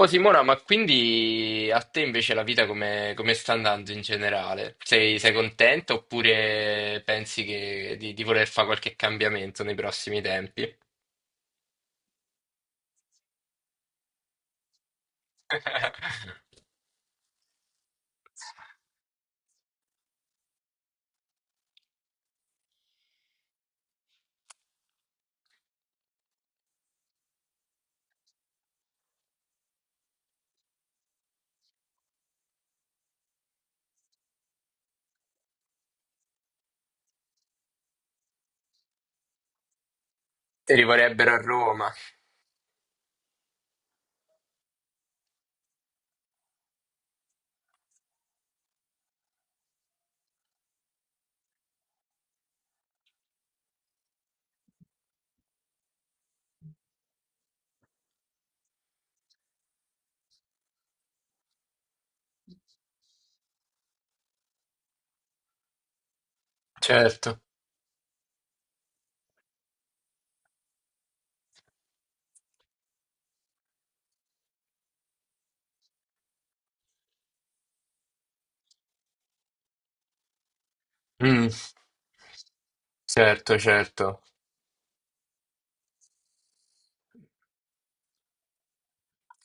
Oh Simona, ma quindi a te invece la vita come sta andando in generale? Sei contenta oppure pensi di voler fare qualche cambiamento nei prossimi tempi? Ti rivorrebbero a Roma. Certo. Mm. Certo, certo.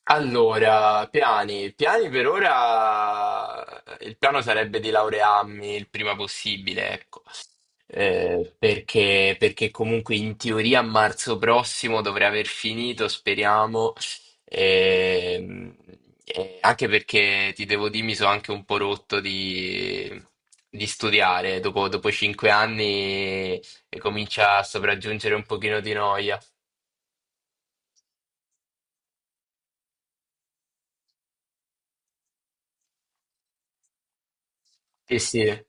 Allora, piani. Piani per ora. Il piano sarebbe di laurearmi il prima possibile, ecco. Perché comunque in teoria a marzo prossimo dovrei aver finito, speriamo. Ehm, e anche perché ti devo dire, mi sono anche un po' rotto di studiare. Dopo 5 anni e comincia a sopraggiungere un pochino di noia. Sì, sì.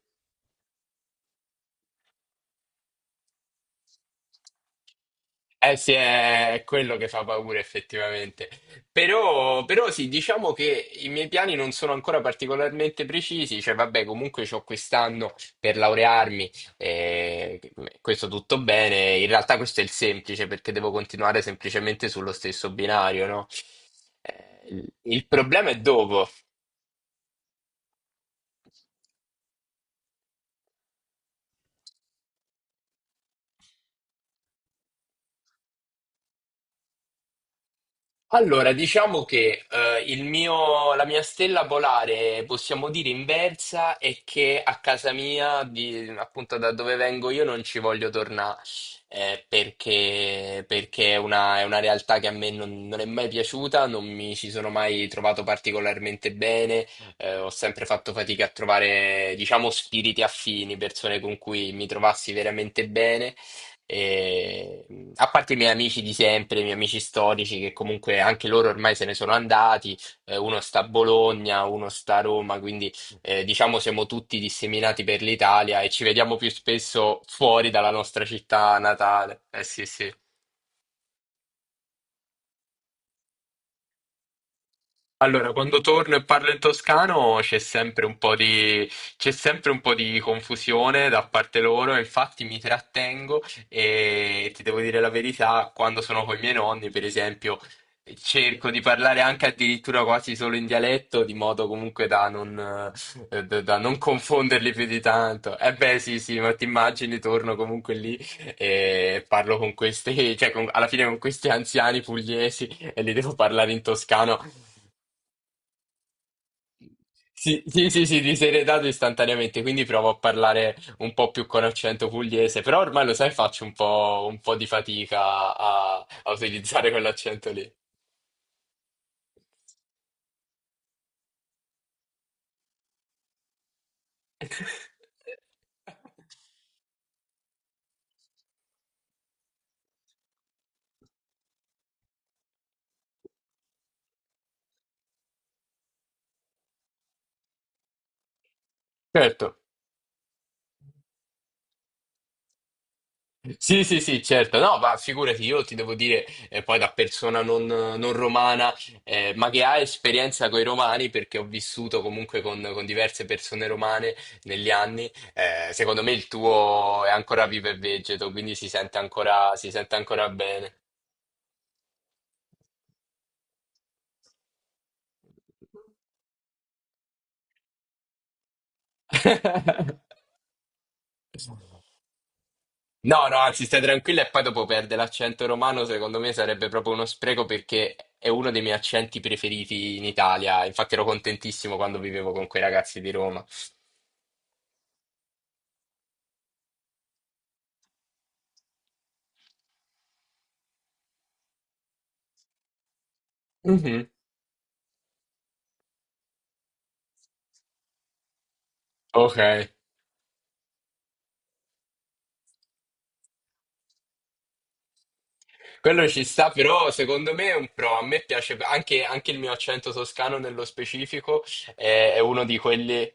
Eh sì, è quello che fa paura effettivamente. Però, però sì, diciamo che i miei piani non sono ancora particolarmente precisi, cioè vabbè, comunque c'ho quest'anno per laurearmi, eh, questo tutto bene. In realtà questo è il semplice perché devo continuare semplicemente sullo stesso binario, no? Il problema è dopo. Allora, diciamo che la mia stella polare, possiamo dire inversa, è che a casa mia, appunto da dove vengo io, non ci voglio tornare. Perché è una realtà che a me non è mai piaciuta, non mi ci sono mai trovato particolarmente bene. Ho sempre fatto fatica a trovare, diciamo, spiriti affini, persone con cui mi trovassi veramente bene. E, a parte i miei amici di sempre, i miei amici storici, che comunque anche loro ormai se ne sono andati. Uno sta a Bologna, uno sta a Roma, quindi diciamo siamo tutti disseminati per l'Italia e ci vediamo più spesso fuori dalla nostra città natale. Eh sì, sì. Allora, quando torno e parlo in toscano c'è sempre un po' di confusione da parte loro, infatti mi trattengo e ti devo dire la verità, quando sono con i miei nonni, per esempio, cerco di parlare anche addirittura quasi solo in dialetto, di modo comunque da non confonderli più di tanto. Eh beh, sì, sì, ma ti immagini, torno comunque lì e parlo con questi, cioè alla fine con questi anziani pugliesi e li devo parlare in toscano. Sì, sì, sì, sì, ti sei redato istantaneamente, quindi provo a parlare un po' più con accento pugliese, però ormai lo sai, faccio un po' di fatica a, a utilizzare quell'accento lì. Certo. Sì, sì, sì, certo. No, ma figurati, io ti devo dire, poi da persona non romana, ma che ha esperienza con i romani, perché ho vissuto comunque con diverse persone romane negli anni, secondo me il tuo è ancora vivo e vegeto, quindi si sente ancora bene. No, no, anzi, stai tranquilla e poi dopo perde l'accento romano, secondo me sarebbe proprio uno spreco perché è uno dei miei accenti preferiti in Italia. Infatti ero contentissimo quando vivevo con quei ragazzi di Roma. Mhm. Ok, quello ci sta, però secondo me è un pro. A me piace anche il mio accento toscano nello specifico, è uno di quelli.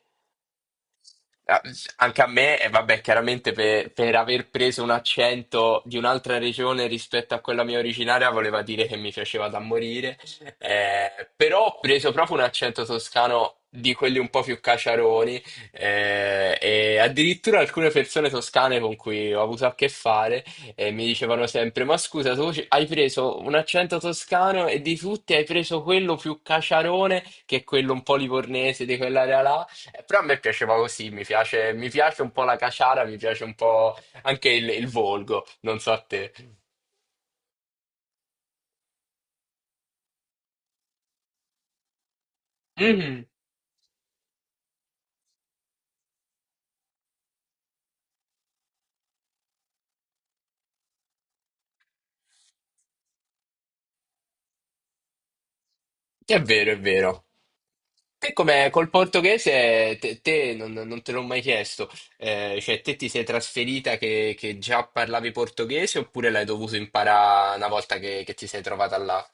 Ah. Anche a me, e vabbè, chiaramente per aver preso un accento di un'altra regione rispetto a quella mia originaria voleva dire che mi piaceva da morire, eh, però ho preso proprio un accento toscano di quelli un po' più caciaroni. E addirittura alcune persone toscane con cui ho avuto a che fare mi dicevano sempre: Ma scusa, hai preso un accento toscano e di tutti hai preso quello più caciarone che è quello un po' livornese di quell'area là. Però a me piaceva così, mi piace un po' la caciara, mi piace un po' anche il volgo, non so a te. Mhm. È vero, è vero. Te come col portoghese, te non te l'ho mai chiesto, cioè te ti sei trasferita che già parlavi portoghese oppure l'hai dovuto imparare una volta che ti sei trovata là?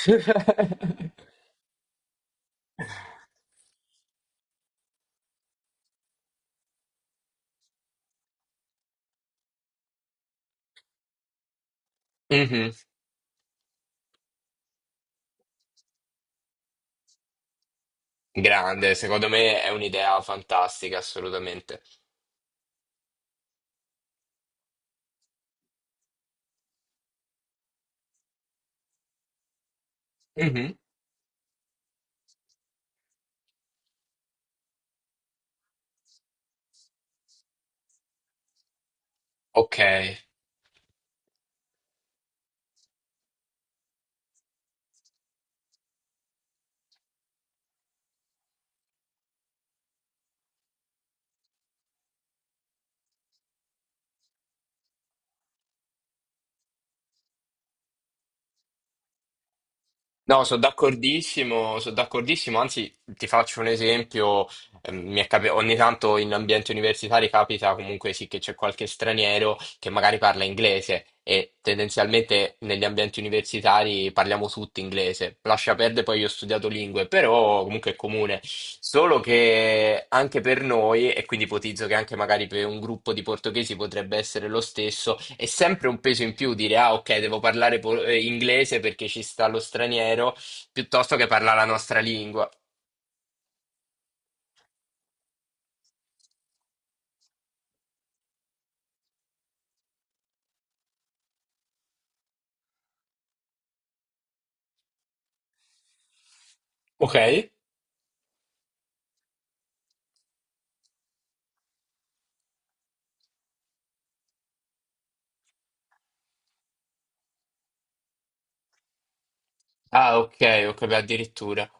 Mhm. Grande, secondo me è un'idea fantastica, assolutamente. Mhm. Ok. No, sono d'accordissimo, anzi ti faccio un esempio. Ogni tanto in ambienti universitari capita comunque sì che c'è qualche straniero che magari parla inglese e tendenzialmente negli ambienti universitari parliamo tutti inglese. Lascia perdere, poi io ho studiato lingue, però comunque è comune. Solo che anche per noi, e quindi ipotizzo che anche magari per un gruppo di portoghesi potrebbe essere lo stesso, è sempre un peso in più dire ah ok, devo parlare inglese perché ci sta lo straniero, piuttosto che parlare la nostra lingua. Ok? Ah, ok, ok, beh, addirittura.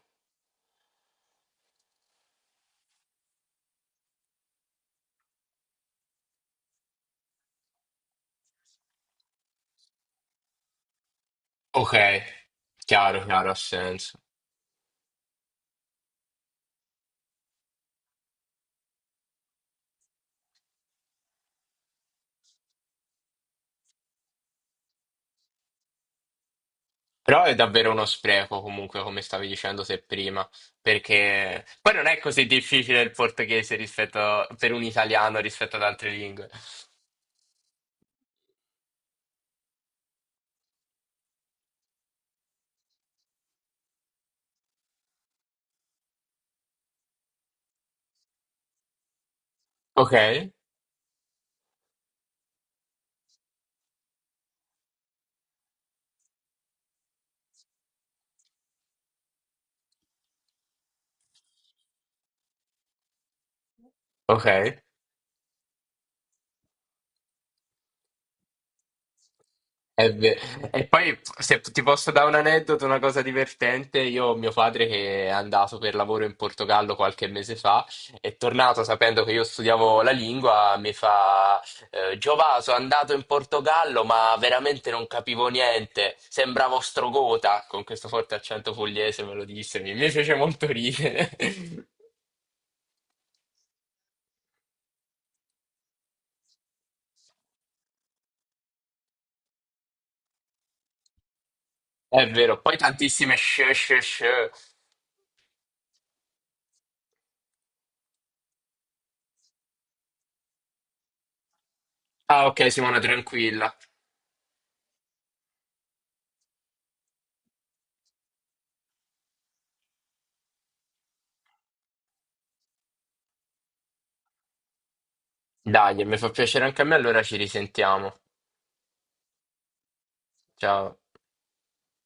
Ok, chiaro, chiaro, ha senso. Però è davvero uno spreco, comunque, come stavi dicendo te prima, perché poi non è così difficile il portoghese rispetto per un italiano rispetto ad altre lingue. Ok, ok. È ve- E poi se ti posso dare un aneddoto, una cosa divertente, io ho mio padre che è andato per lavoro in Portogallo qualche mese fa, è tornato sapendo che io studiavo la lingua, mi fa Giova, sono andato in Portogallo ma veramente non capivo niente, sembravo Strogota, con questo forte accento pugliese me lo disse, mi fece molto ridere. È vero, poi tantissime sh, sh, sh. Ah ok Simona, tranquilla. Dai, mi fa piacere anche a me, allora ci risentiamo. Ciao.